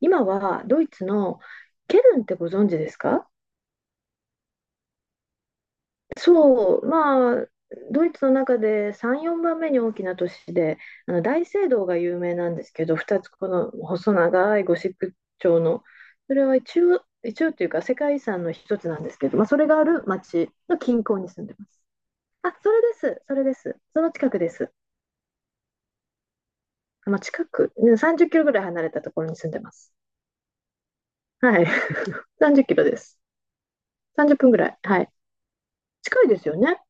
今はドイツのケルンってご存知ですか？そう、まあ、ドイツの中で3、4番目に大きな都市で、あの大聖堂が有名なんですけど、2つこの細長いゴシック調の、それは一応、一応というか世界遺産の一つなんですけど、まあ、それがある町の近郊に住んでます。あ、それです、それです。その近くです。まあ、近く、ね30キロぐらい離れたところに住んでます。はい。30キロです。30分ぐらい。はい。近いですよね。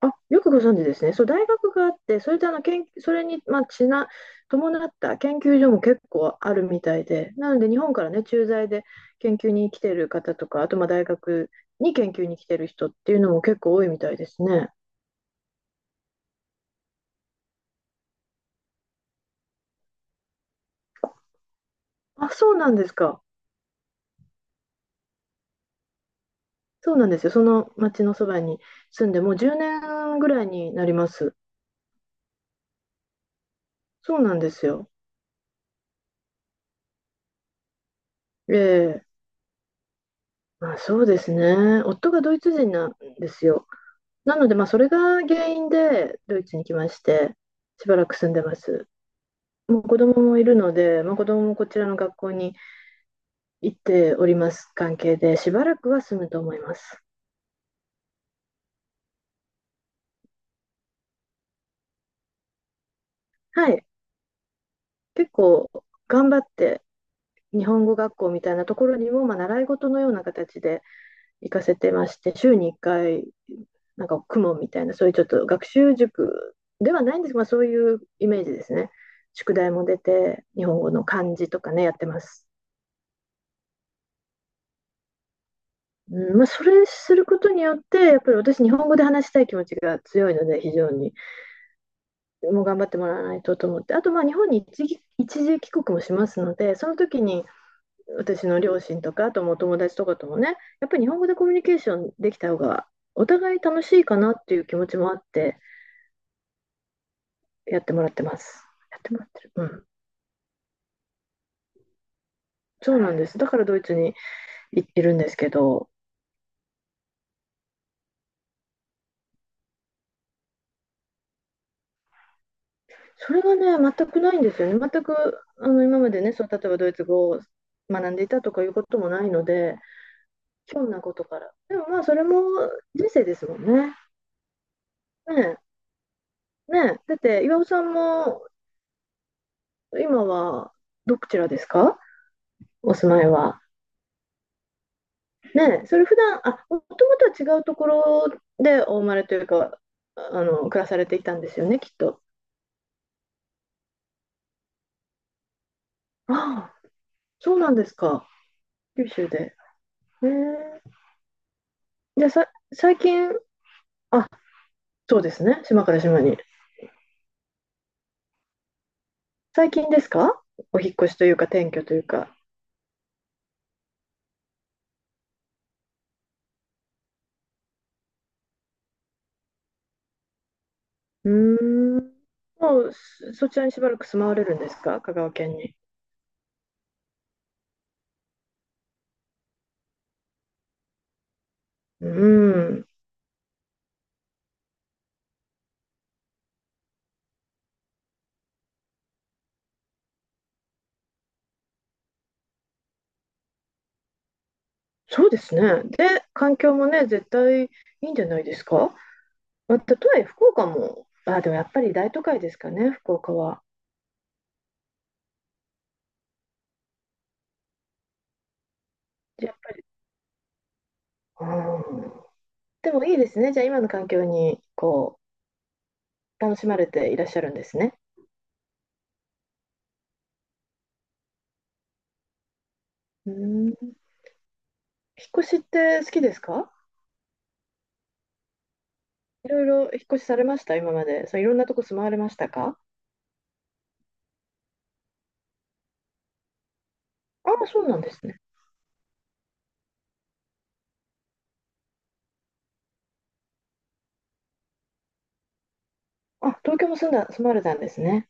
あ、よくご存知ですね。そう、大学があって、それであの研それに、まあ、伴った研究所も結構あるみたいで、なので日本からね、駐在で研究に来てる方とか、あとまあ大学に研究に来てる人っていうのも結構多いみたいですね。あ、そうなんですか。そうなんですよ。その町のそばに住んで、もう10年ぐらいになります。そうなんですよ。ええ、まあ、そうですね。夫がドイツ人なんですよ。なので、まあ、それが原因でドイツに来まして、しばらく住んでます。もう子供もいるので、まあ、子供もこちらの学校に行っております関係で、しばらくは住むと思います。はい。結構頑張って、日本語学校みたいなところにも、まあ、習い事のような形で行かせてまして、週に1回、なんか公文みたいな、そういうちょっと学習塾ではないんですが、まあ、そういうイメージですね。宿題も出て、日本語の漢字とかね、やってます。うん、まあ、それすることによって、やっぱり私、日本語で話したい気持ちが強いので、非常に、もう頑張ってもらわないとと思って、あと、まあ、日本に一時帰国もしますので、その時に私の両親とか、あともうお友達とかともね、やっぱり日本語でコミュニケーションできた方が、お互い楽しいかなっていう気持ちもあって、やってもらってます。やってもらってる。うん。そうなんです。だからドイツにいるんですけど、それがね、全くないんですよね。全く、あの、今までね、そう、例えばドイツ語を学んでいたとかいうこともないので、ひょんなことから。でもまあ、それも人生ですもんね。ねえ、ねえ。だって、岩尾さんも、今は、どちらですか？お住まいは。ねえ、それ普段、あ、もともとは違うところでお生まれというか、あの、暮らされていたんですよね、きっと。ああ、そうなんですか。九州で。へえ。じゃあさ、最近、あ、そうですね、島から島に。最近ですか？お引っ越しというか、転居というか。うーん。もう、そちらにしばらく住まわれるんですか？香川県に。うーん。そうですね。で、環境もね、絶対いいんじゃないですか？まあたとえ、福岡も、あ、でもやっぱり大都会ですかね、福岡は。やっぱり。うん。でもいいですね。じゃあ、今の環境に、こう、楽しまれていらっしゃるんですね。うん。引っ越しって好きですか？いろいろ引っ越しされました、今まで。そう、いろんなとこ住まわれましたか？ああ、そうなんですね。あ、東京も住んだ、住まわれたんですね。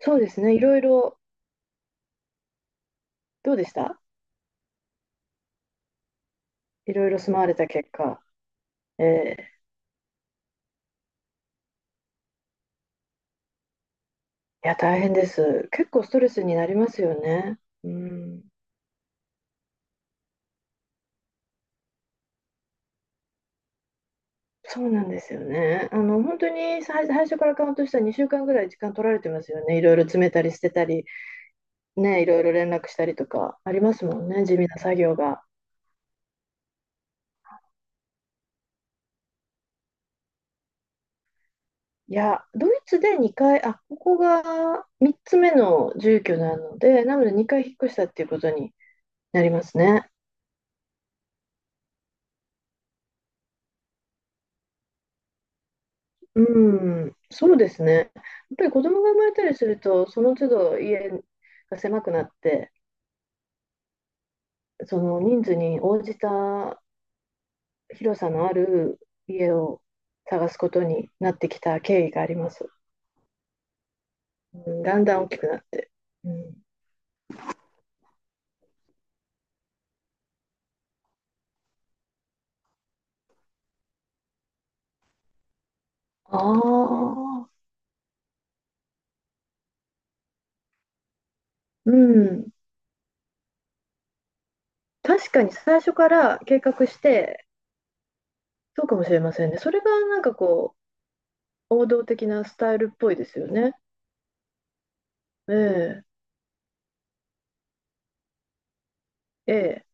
そうですね、いろいろ、どうでした？いろいろ住まわれた結果。えーいや、大変です。結構ストレスになりますよね。うん、そうなんですよね。あの、本当に最初からカウントしたら2週間ぐらい時間取られてますよね。いろいろ詰めたり捨てたり、ね、いろいろ連絡したりとかありますもんね、地味な作業が。いや、ドイツで2回、あ、ここが3つ目の住居なので、なので2回引っ越したっていうことになりますね。うん、そうですね。やっぱり子供が生まれたりすると、その都度家が狭くなって、その人数に応じた広さのある家を探すことになってきた経緯があります。うん、だんだん大きくなって。うん、ああ、うん。確かに最初から計画して、そうかもしれませんね。それがなんかこう、王道的なスタイルっぽいですよね。ええ、ええ。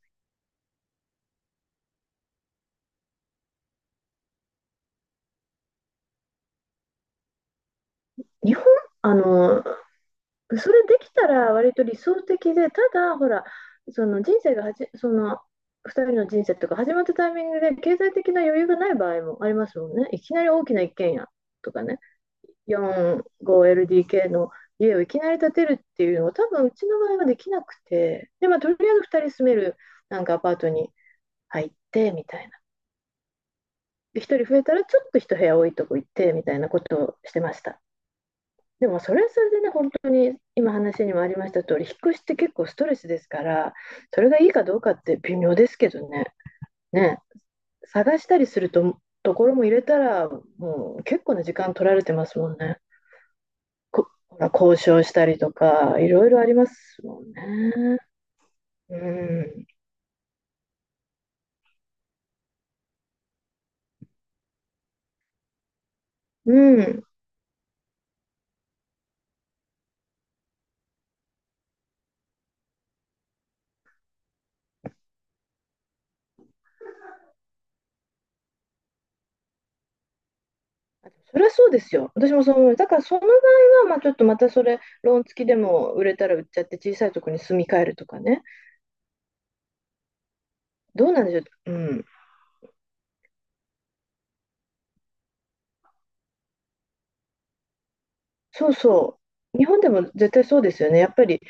日本、あの、それできたら割と理想的で、ただ、ほら、その人生がその、2人の人生とか始まったタイミングで経済的な余裕がない場合もありますもんね。いきなり大きな一軒家とかね、4,5LDK の家をいきなり建てるっていうのは多分うちの場合はできなくて、で、まあ、とりあえず2人住めるなんかアパートに入ってみたいで、人増えたらちょっと一部屋多いとこ行ってみたいなことをしてました。でもそれはそれでね、本当に今話にもありました通り、引っ越しって結構ストレスですから、それがいいかどうかって微妙ですけどね、ね、探したりすると、ところも入れたら、もう結構な時間取られてますもんね。ほら交渉したりとか、いろいろありますもんね。うん。うん。あでもそれはそうですよ。私もそう思う。だからその場合は、まあ、ちょっとまたそれ、ローン付きでも売れたら売っちゃって、小さいとこに住み替えるとかね。どうなんでしょう。うん。そうそう。日本でも絶対そうですよね。やっぱり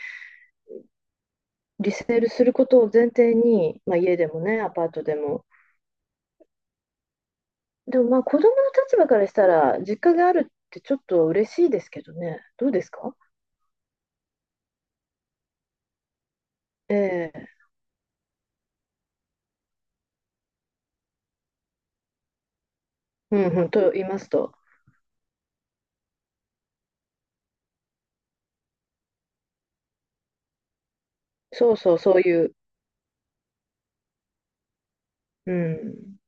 リセールすることを前提に、まあ、家でもね、アパートでも。でもまあ子供の立場からしたら、実家があるってちょっと嬉しいですけどね。どうですか？ええ、うんうん、と言いますと。そうそう、そういう。うん。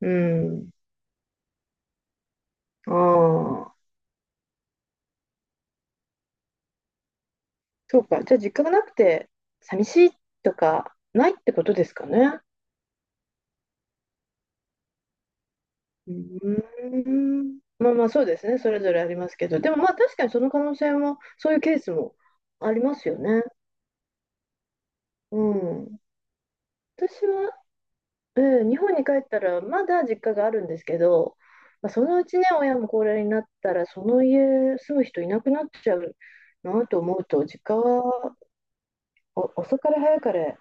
うん。ああ。そうか。じゃあ、実家がなくて、寂しいとか、ないってことですかね。うーん。まあまあ、そうですね。それぞれありますけど。でもまあ、確かにその可能性も、そういうケースもありますよね。うん。私は、日本に帰ったら、まだ実家があるんですけど、まあ、そのうちね、親も高齢になったら、その家住む人いなくなっちゃうなと思うと、実家はお遅かれ早かれ、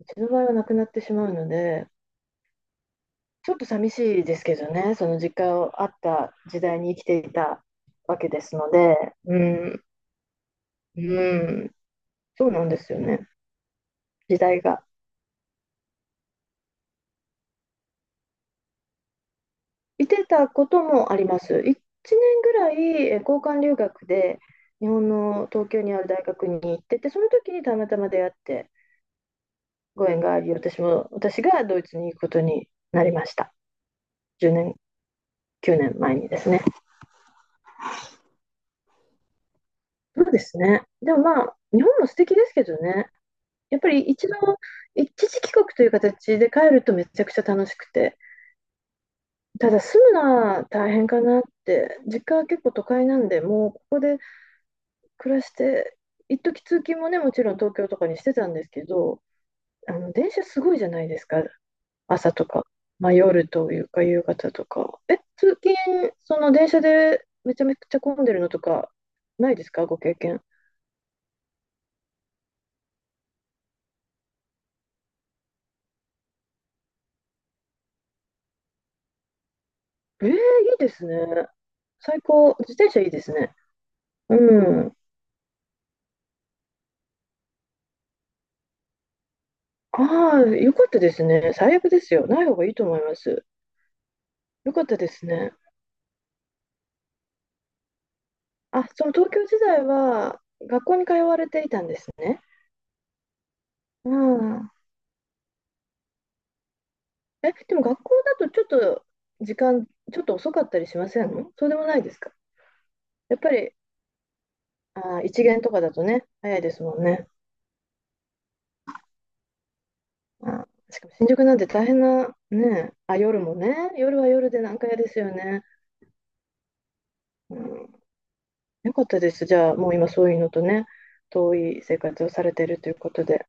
うちの場合はなくなってしまうので、ちょっと寂しいですけどね、その実家をあった時代に生きていたわけですので、うん、うん、そうなんですよね、時代が。いてたこともあります。1年ぐらい交換留学で日本の東京にある大学に行ってて、その時にたまたま出会って、ご縁があり、私も、私がドイツに行くことになりました。10年、9年前にですね。そうですね。でもまあ、日本も素敵ですけどね。やっぱり一度、一時帰国という形で帰るとめちゃくちゃ楽しくて、ただ住むのは大変かなって、実家は結構都会なんで、もうここで暮らして、一時通勤もね、もちろん東京とかにしてたんですけど、あの電車すごいじゃないですか、朝とか、まあ、夜というか夕方とか。通勤、その電車でめちゃめちゃ混んでるのとか、ないですか、ご経験。えー、いいですね。最高、自転車いいですね。うん。ああ、よかったですね。最悪ですよ。ない方がいいと思います。よかったですね。あ、その東京時代は学校に通われていたんですね。うん。でも学校だとちょっと時間、ちょっと遅かったりしませんの？そうでもないですか？やっぱり、あー、一限とかだとね、早いですもんね。あー、しかも新宿なんて大変な、ね、あ、夜もね、夜は夜で難解ですよね。うん。よかったです。じゃあ、もう今そういうのとね、遠い生活をされているということで。